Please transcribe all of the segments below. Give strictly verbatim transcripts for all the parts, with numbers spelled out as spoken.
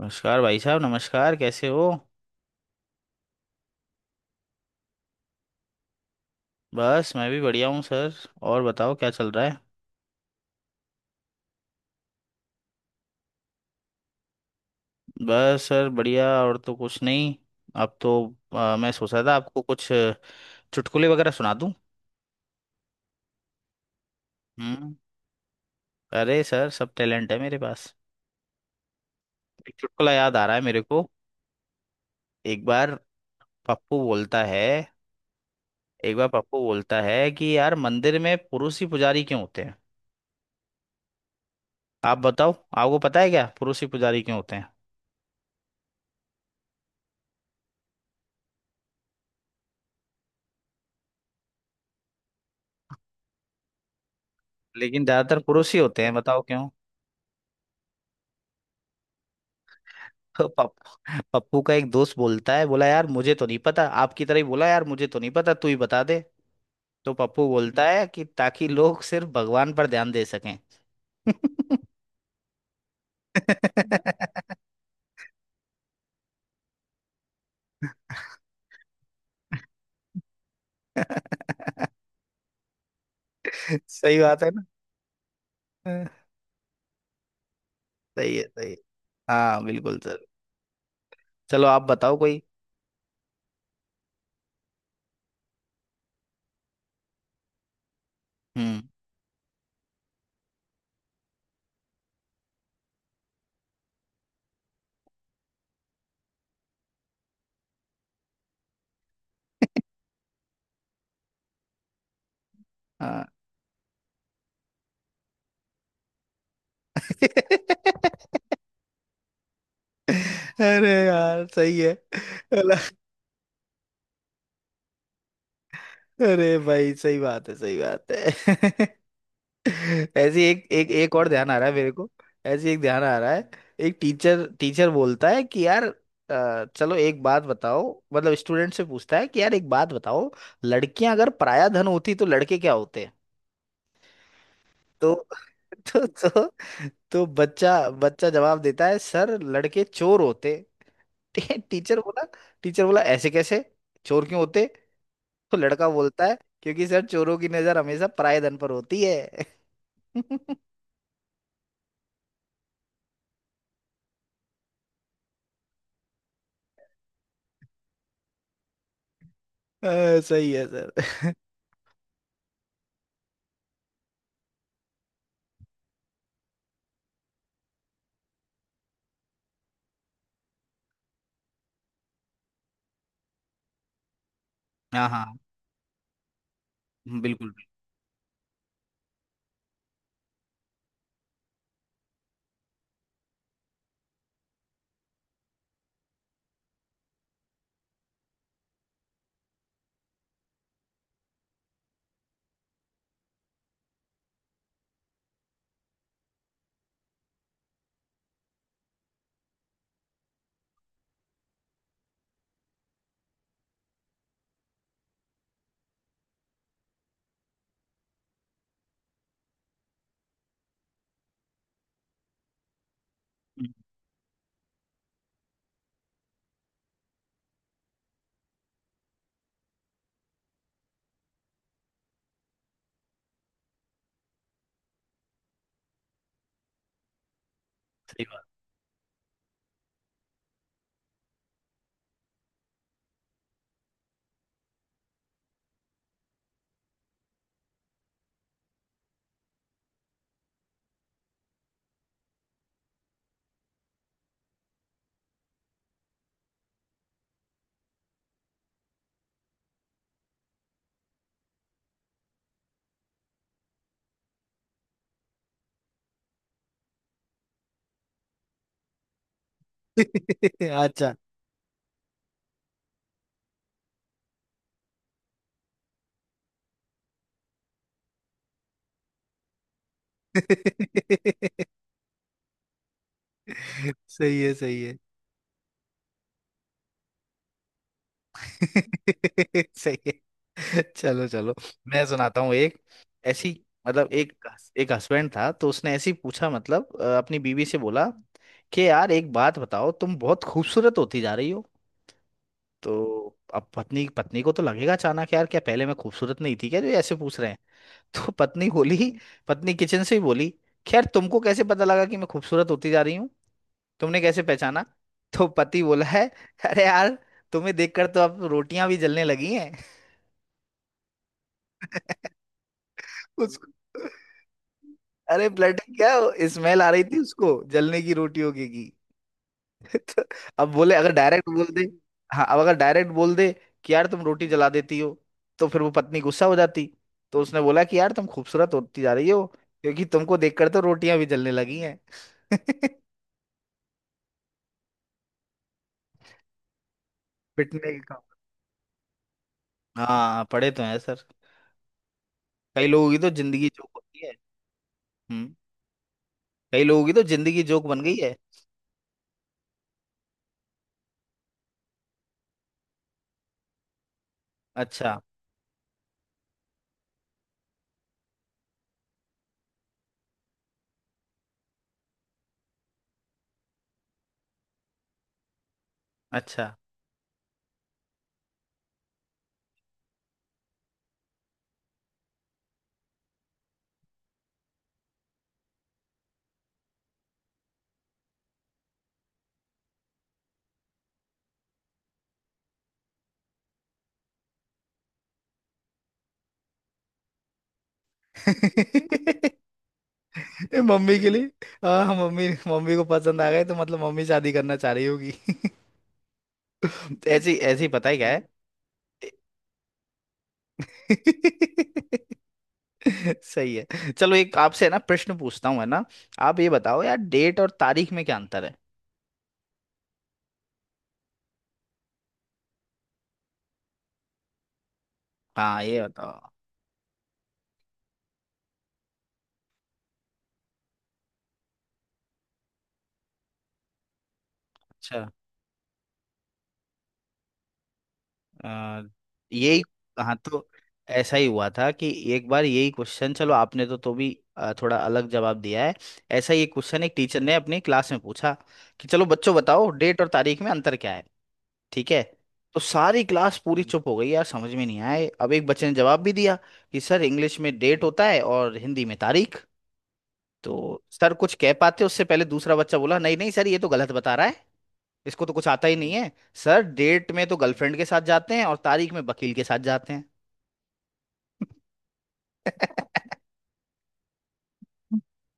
नमस्कार भाई साहब। नमस्कार। कैसे हो। बस मैं भी बढ़िया हूँ सर। और बताओ क्या चल रहा है। बस सर बढ़िया और तो कुछ नहीं। अब तो। आ, मैं सोच रहा था आपको कुछ अ, चुटकुले वगैरह सुना दूँ। हम्म। अरे सर सब टैलेंट है मेरे पास। एक चुटकुला याद आ रहा है मेरे को। एक बार पप्पू बोलता है एक बार पप्पू बोलता है कि यार मंदिर में पुरुष ही पुजारी क्यों होते हैं। आप बताओ। आपको पता है क्या पुरुष ही पुजारी क्यों होते हैं। लेकिन ज्यादातर पुरुष ही होते हैं बताओ क्यों। पप्पू का एक दोस्त बोलता है बोला यार मुझे तो नहीं पता आपकी तरह ही बोला यार मुझे तो नहीं पता तू ही बता दे। तो पप्पू बोलता है कि ताकि लोग सिर्फ भगवान पर ध्यान दे सकें। सही बात है ना। हाँ, सही है सही है। हाँ बिल्कुल सर। चलो आप बताओ कोई। हम्म। हाँ। अरे यार सही है। अरे भाई सही बात है सही बात है। ऐसी एक एक एक और ध्यान आ रहा है मेरे को। ऐसी एक ध्यान आ रहा है। एक टीचर टीचर बोलता है कि यार अ, चलो एक बात बताओ। मतलब स्टूडेंट से पूछता है कि यार एक बात बताओ। लड़कियां अगर पराया धन होती तो लड़के क्या होते। तो तो तो, तो बच्चा बच्चा जवाब देता है सर लड़के चोर होते। टी- टीचर बोला। टीचर बोला ऐसे कैसे। चोर क्यों होते। तो लड़का बोलता है क्योंकि सर चोरों की नजर हमेशा पराये धन पर होती है। अ, सही है सर। हाँ हाँ बिल्कुल बिल्कुल। हम्म, सही बात। अच्छा। सही है सही है। सही है चलो चलो। मैं सुनाता हूँ एक ऐसी मतलब एक। एक हस्बैंड था तो उसने ऐसी पूछा मतलब अ, अपनी बीवी से बोला कि यार एक बात बताओ तुम बहुत खूबसूरत होती जा रही हो। तो अब पत्नी पत्नी को तो लगेगा अचानक यार क्या पहले मैं खूबसूरत नहीं थी क्या जो ये ऐसे पूछ रहे हैं। तो पत्नी बोली। पत्नी किचन से ही बोली खैर तुमको कैसे पता लगा कि मैं खूबसूरत होती जा रही हूँ। तुमने कैसे पहचाना। तो पति बोला है अरे यार तुम्हें देखकर तो अब रोटियां भी जलने लगी हैं। उसको। अरे फ्लर्टिंग क्या। स्मेल आ रही थी उसको जलने की रोटियों की की तो अब बोले अगर डायरेक्ट बोल दे। हाँ अब अगर डायरेक्ट बोल दे कि यार तुम रोटी जला देती हो तो फिर वो पत्नी गुस्सा हो जाती। तो उसने बोला कि यार तुम खूबसूरत होती जा रही हो क्योंकि तुमको देखकर तो रोटियां भी जलने लगी हैं। पिटने के काम। हाँ पढ़े तो हैं सर। कई लोगों की तो जिंदगी जोक होती है। हम्म। कई लोगों की तो जिंदगी जोक बन गई है। अच्छा। अच्छा। ये मम्मी के लिए। हाँ हाँ, मम्मी मम्मी को पसंद आ गए तो मतलब मम्मी शादी करना चाह रही होगी। तो ऐसी ऐसी पता ही क्या है। सही है चलो एक आपसे है ना प्रश्न पूछता हूँ है ना। आप ये बताओ यार डेट और तारीख में क्या अंतर है। हाँ ये बताओ। अच्छा। आ, यही। हाँ तो ऐसा ही हुआ था कि एक बार यही क्वेश्चन चलो आपने तो तो भी आ, थोड़ा अलग जवाब दिया है। ऐसा ही एक क्वेश्चन एक टीचर ने अपनी क्लास में पूछा कि चलो बच्चों बताओ डेट और तारीख में अंतर क्या है। ठीक है। तो सारी क्लास पूरी हम्म, चुप हो गई यार समझ में नहीं आए अब एक बच्चे ने जवाब भी दिया कि सर इंग्लिश में डेट होता है और हिंदी में तारीख। तो सर कुछ कह पाते उससे पहले दूसरा बच्चा बोला नहीं नहीं सर ये तो गलत बता रहा है। इसको तो कुछ आता ही नहीं है। सर डेट में तो गर्लफ्रेंड के साथ जाते हैं और तारीख में वकील के साथ जाते हैं।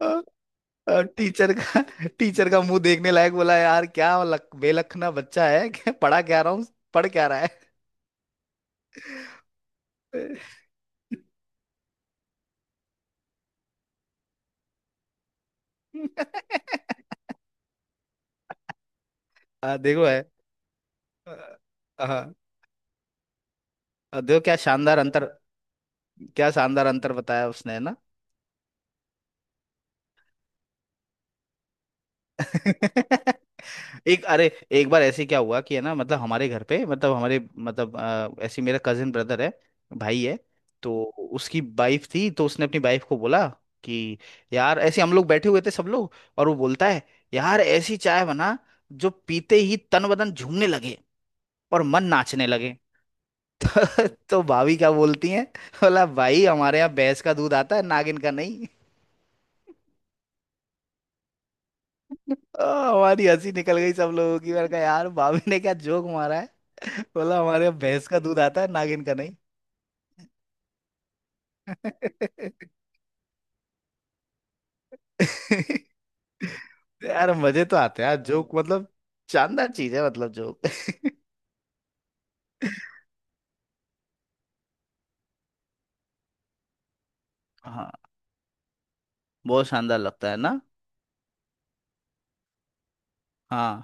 टीचर का टीचर का मुंह देखने लायक। बोला यार क्या लक, बेलखना बच्चा है। क्या पढ़ा क्या रहा हूँ। पढ़ क्या रहा है। आ, देखो है। हाँ। आ, देखो क्या शानदार अंतर। क्या शानदार अंतर बताया उसने है ना। एक अरे। एक बार ऐसे क्या हुआ कि है ना मतलब हमारे घर पे मतलब हमारे मतलब अ, ऐसे मेरा कजिन ब्रदर है। भाई है। तो उसकी वाइफ थी तो उसने अपनी वाइफ को बोला कि यार ऐसे हम लोग बैठे हुए थे सब लोग और वो बोलता है यार ऐसी चाय बना जो पीते ही तन बदन झूमने लगे और मन नाचने लगे। तो, तो भाभी क्या बोलती है। बोला भाई हमारे यहाँ भैंस का दूध आता है नागिन का नहीं। आ, हमारी हंसी निकल गई सब लोगों की। मैंने कहा यार भाभी ने क्या जोक मारा है। बोला हमारे यहाँ भैंस का दूध आता है नागिन का नहीं। यार मजे तो आते हैं यार जोक मतलब शानदार चीज है मतलब जोक। हाँ। बहुत शानदार लगता है ना। हाँ।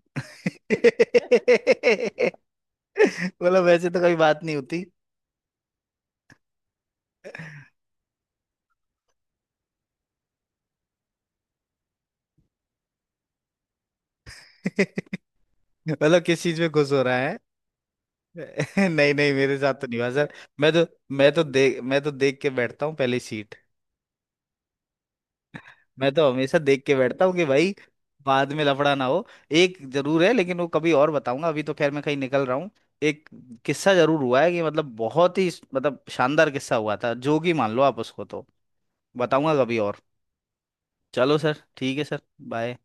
बोला वैसे तो कोई बात नहीं होती। मतलब किस चीज में खुश हो रहा। नहीं नहीं मेरे साथ तो नहीं हुआ सर। मैं तो। मैं तो देख मैं तो देख के बैठता हूँ पहले सीट। मैं तो हमेशा देख के बैठता हूँ कि भाई बाद में लफड़ा ना हो। एक जरूर है लेकिन वो कभी और बताऊंगा, अभी तो खैर मैं कहीं निकल रहा हूँ। एक किस्सा जरूर हुआ है कि मतलब बहुत ही मतलब शानदार किस्सा हुआ था, जोगी मान लो आप उसको, तो बताऊंगा कभी और। चलो सर ठीक है सर। बाय।